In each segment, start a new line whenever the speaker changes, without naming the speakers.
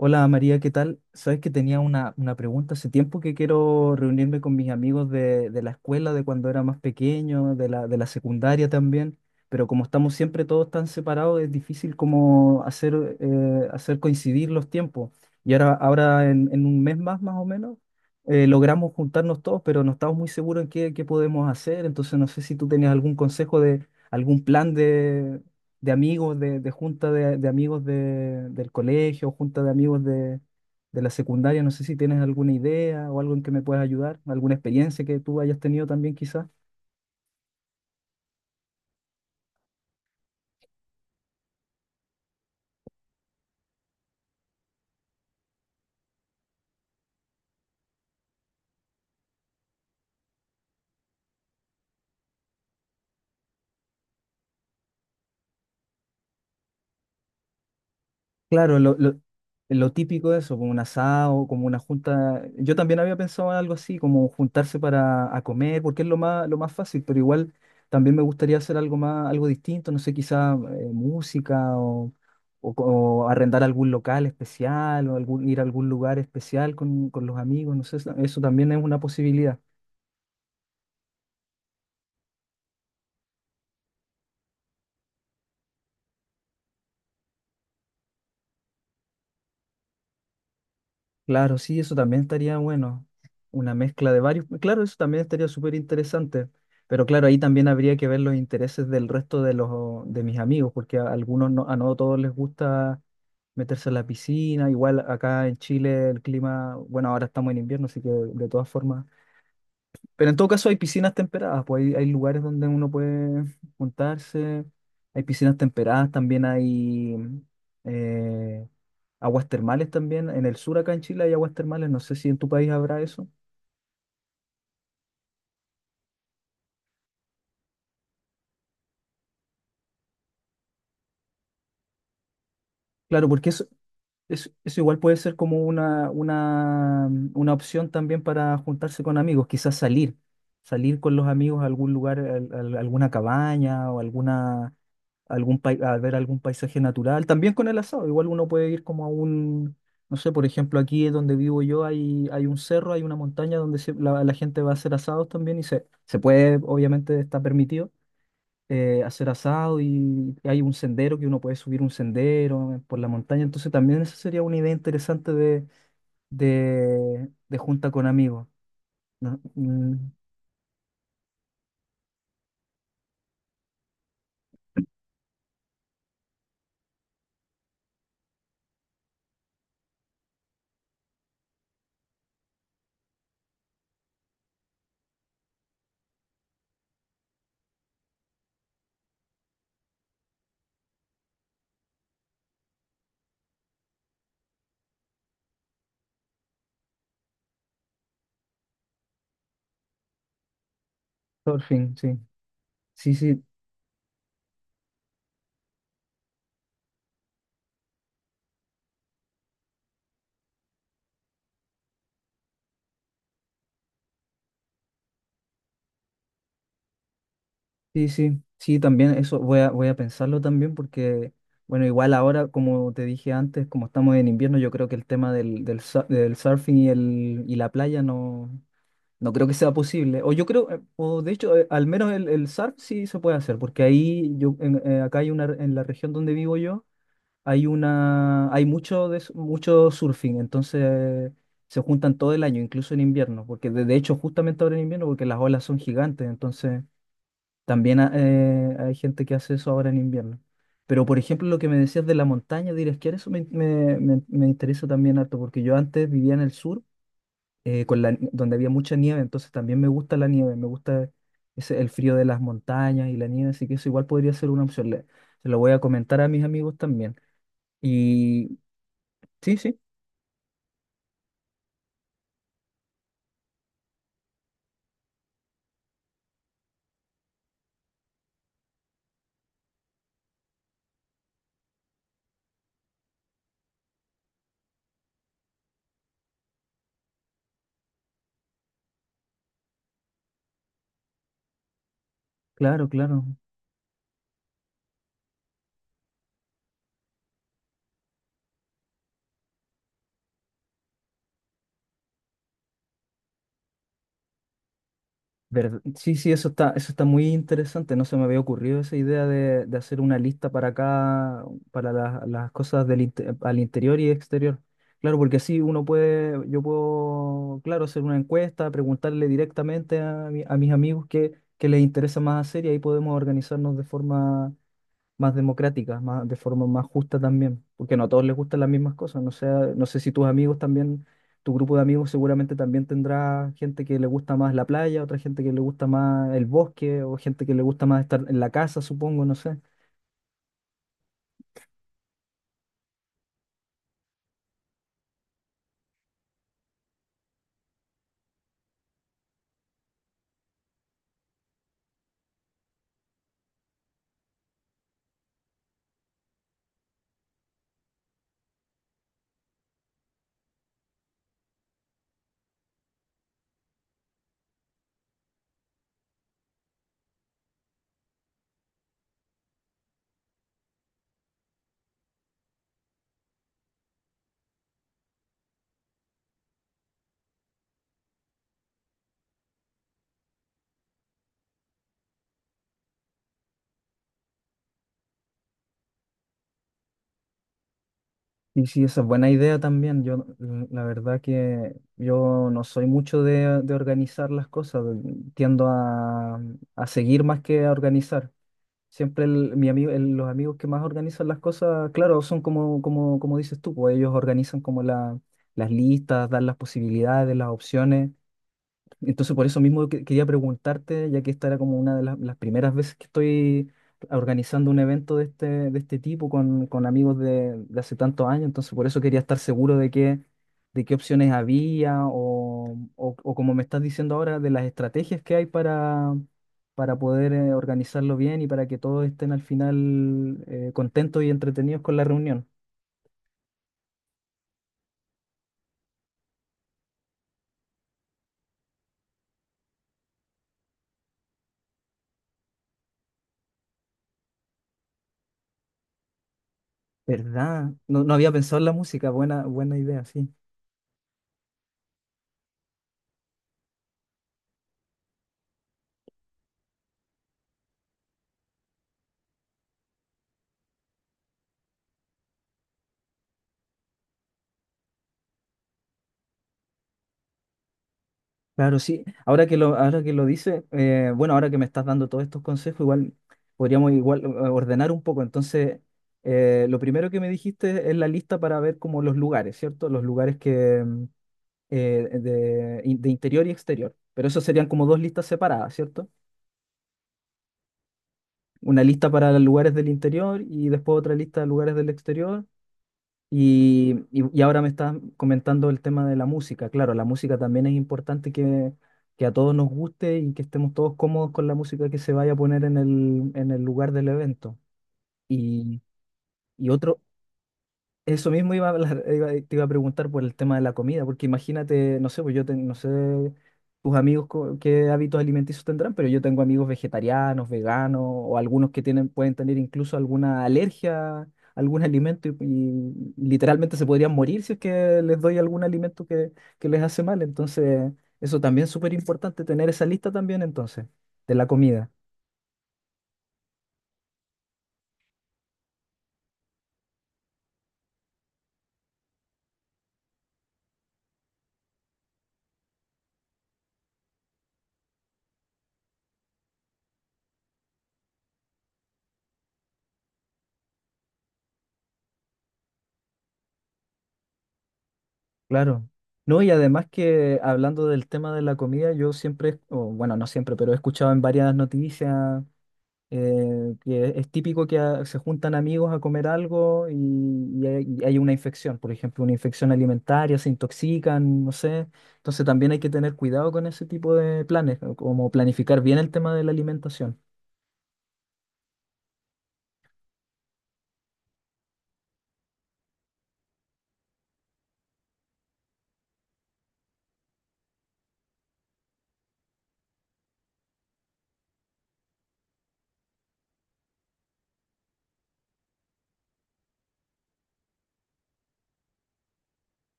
Hola María, ¿qué tal? Sabes que tenía una pregunta hace tiempo que quiero reunirme con mis amigos de la escuela, de cuando era más pequeño, de la secundaria también, pero como estamos siempre todos tan separados, es difícil como hacer, hacer coincidir los tiempos. Y ahora en un mes más, más o menos, logramos juntarnos todos, pero no estamos muy seguros en qué podemos hacer, entonces no sé si tú tenías algún consejo de algún plan de amigos, de junta de amigos del colegio, junta de amigos de la secundaria. No sé si tienes alguna idea o algo en que me puedas ayudar, alguna experiencia que tú hayas tenido también quizás. Claro, lo típico de eso, como un asado, como una junta. Yo también había pensado en algo así, como juntarse para a comer, porque es lo más fácil, pero igual también me gustaría hacer algo más, algo distinto, no sé, quizá música o, o arrendar algún local especial o algún, ir a algún lugar especial con los amigos, no sé, eso también es una posibilidad. Claro, sí, eso también estaría bueno. Una mezcla de varios. Claro, eso también estaría súper interesante. Pero claro, ahí también habría que ver los intereses del resto de los de mis amigos, porque a algunos no, a no todos les gusta meterse en la piscina. Igual acá en Chile el clima, bueno, ahora estamos en invierno, así que de todas formas pero en todo caso hay piscinas temperadas, pues hay lugares donde uno puede juntarse, hay piscinas temperadas, también hay eh, aguas termales también. En el sur acá en Chile hay aguas termales, no sé si en tu país habrá eso. Claro, porque eso, eso igual puede ser como una opción también para juntarse con amigos, quizás salir, salir con los amigos a algún lugar, alguna cabaña o alguna a ver algún paisaje natural. También con el asado, igual uno puede ir como a un, no sé, por ejemplo, aquí donde vivo yo hay, hay un cerro, hay una montaña donde la, la gente va a hacer asados también y se puede, obviamente está permitido hacer asado y hay un sendero que uno puede subir un sendero por la montaña. Entonces también esa sería una idea interesante de junta con amigos. ¿No? Mm, surfing, sí. Sí, sí. Sí, sí, sí, también eso voy a, voy a pensarlo también porque, bueno, igual ahora, como te dije antes, como estamos en invierno, yo creo que el tema del surfing y, el, y la playa no, no creo que sea posible. O yo creo, o de hecho, al menos el surf sí se puede hacer, porque ahí, yo, acá hay una, en la región donde vivo yo, hay una, hay mucho surfing, entonces se juntan todo el año, incluso en invierno, porque de hecho justamente ahora en invierno, porque las olas son gigantes, entonces También hay gente que hace eso ahora en invierno. Pero, por ejemplo, lo que me decías de la montaña, de ir a esquiar, eso me interesa también harto, porque yo antes vivía en el sur, con la, donde había mucha nieve, entonces también me gusta la nieve, me gusta ese, el frío de las montañas y la nieve, así que eso igual podría ser una opción. Se lo voy a comentar a mis amigos también. Y sí, sí, claro, claro. Sí, sí, eso está muy interesante. No se me había ocurrido esa idea de hacer una lista para acá, para las cosas al interior y exterior. Claro, porque así uno puede, yo puedo, claro, hacer una encuesta, preguntarle directamente a, a mis amigos qué les interesa más hacer y ahí podemos organizarnos de forma más democrática, más, de forma más justa también, porque no a todos les gustan las mismas cosas. No sé, no sé si tus amigos también, tu grupo de amigos seguramente también tendrá gente que le gusta más la playa, otra gente que le gusta más el bosque, o gente que le gusta más estar en la casa, supongo, no sé. Y sí, esa es buena idea también. Yo, mm, la verdad que yo no soy mucho de organizar las cosas, tiendo a, a seguir más que a organizar. Siempre mi amigo, los amigos que más organizan las cosas, claro, son como dices tú, pues ellos organizan como la, las listas, dan las posibilidades, las opciones, entonces, por eso mismo quería preguntarte, ya que esta era como una de las primeras veces que estoy organizando un evento de este tipo con amigos de hace tantos años, entonces por eso quería estar seguro de qué opciones había o, o como me estás diciendo ahora, de las estrategias que hay para poder organizarlo bien y para que todos estén al final contentos y entretenidos con la reunión. ¿Verdad? No, no había pensado en la música, buena, buena idea, sí. Claro, sí. Ahora que lo dice, bueno, ahora que me estás dando todos estos consejos, igual podríamos igual ordenar un poco. Entonces, lo primero que me dijiste es la lista para ver como los lugares, ¿cierto? Los lugares que mm, de interior y exterior. Pero eso serían como dos listas separadas, ¿cierto? Una lista para lugares del interior y después otra lista de lugares del exterior. Y, y ahora me estás comentando el tema de la música. Claro, la música también es importante que a todos nos guste y que estemos todos cómodos con la música que se vaya a poner en el lugar del evento. Y, y otro, eso mismo iba a te iba a preguntar por el tema de la comida, porque imagínate, no sé, pues yo no sé tus amigos qué hábitos alimenticios tendrán, pero yo tengo amigos vegetarianos, veganos, o algunos que tienen, pueden tener incluso alguna alergia a algún alimento y literalmente se podrían morir si es que les doy algún alimento que les hace mal. Entonces, eso también es súper importante, tener esa lista también entonces, de la comida. Claro. No, y además que hablando del tema de la comida, yo siempre, o bueno, no siempre, pero he escuchado en varias noticias que es típico que se juntan amigos a comer algo y, y hay una infección, por ejemplo, una infección alimentaria, se intoxican, no sé. Entonces también hay que tener cuidado con ese tipo de planes, o como planificar bien el tema de la alimentación.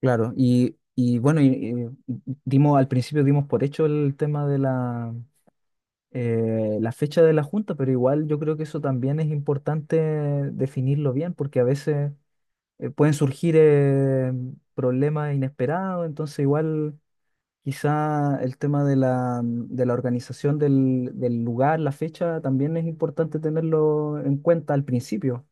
Claro, y bueno, y dimos, al principio dimos por hecho el tema de la la fecha de la junta, pero igual yo creo que eso también es importante definirlo bien, porque a veces pueden surgir problemas inesperados, entonces igual quizá el tema de la organización del lugar, la fecha, también es importante tenerlo en cuenta al principio.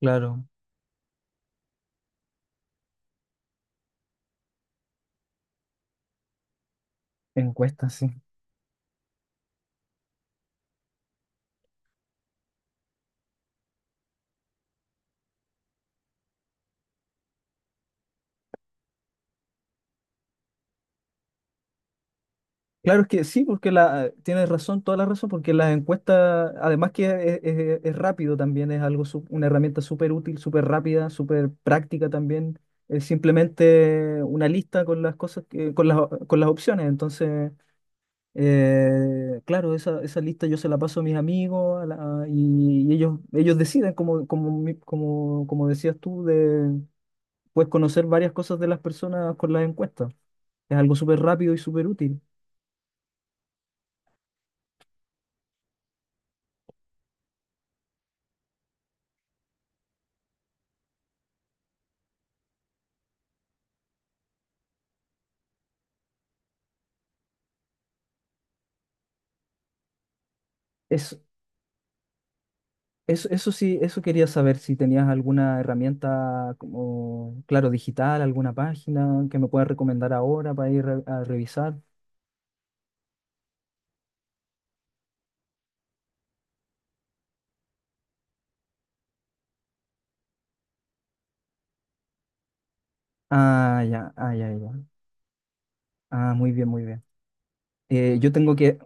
Claro, encuesta, sí. Claro, es que sí, porque la, tienes razón, toda la razón, porque las encuestas, además que es, es rápido también, es algo, una herramienta súper útil, súper rápida, súper práctica también. Es simplemente una lista con las cosas, con las opciones. Entonces, claro, esa lista yo se la paso a mis amigos a y, y ellos deciden, como, como, como decías tú, de, puedes conocer varias cosas de las personas con las encuestas. Es algo súper rápido y súper útil. Eso sí, eso quería saber si tenías alguna herramienta como, claro, digital, alguna página que me puedas recomendar ahora para ir a revisar. Ah, ya, ah, ya, ya. Ah, muy bien, muy bien. Yo tengo que eh,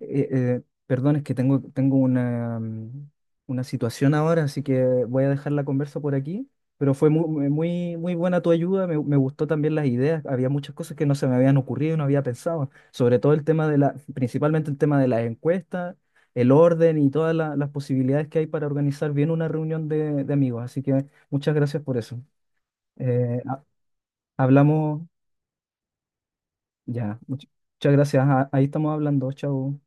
eh, perdón, es que tengo, tengo una, mm, una situación ahora, así que voy a dejar la conversa por aquí. Pero fue muy muy, muy, buena tu ayuda, me gustó también las ideas. Había muchas cosas que no se me habían ocurrido, no había pensado. Sobre todo el tema de la, principalmente el tema de las encuestas, el orden y todas las posibilidades que hay para organizar bien una reunión de amigos. Así que muchas gracias por eso. Eh, ha- hablamos ya. Muchas gracias. Ah, ahí estamos hablando. Chao.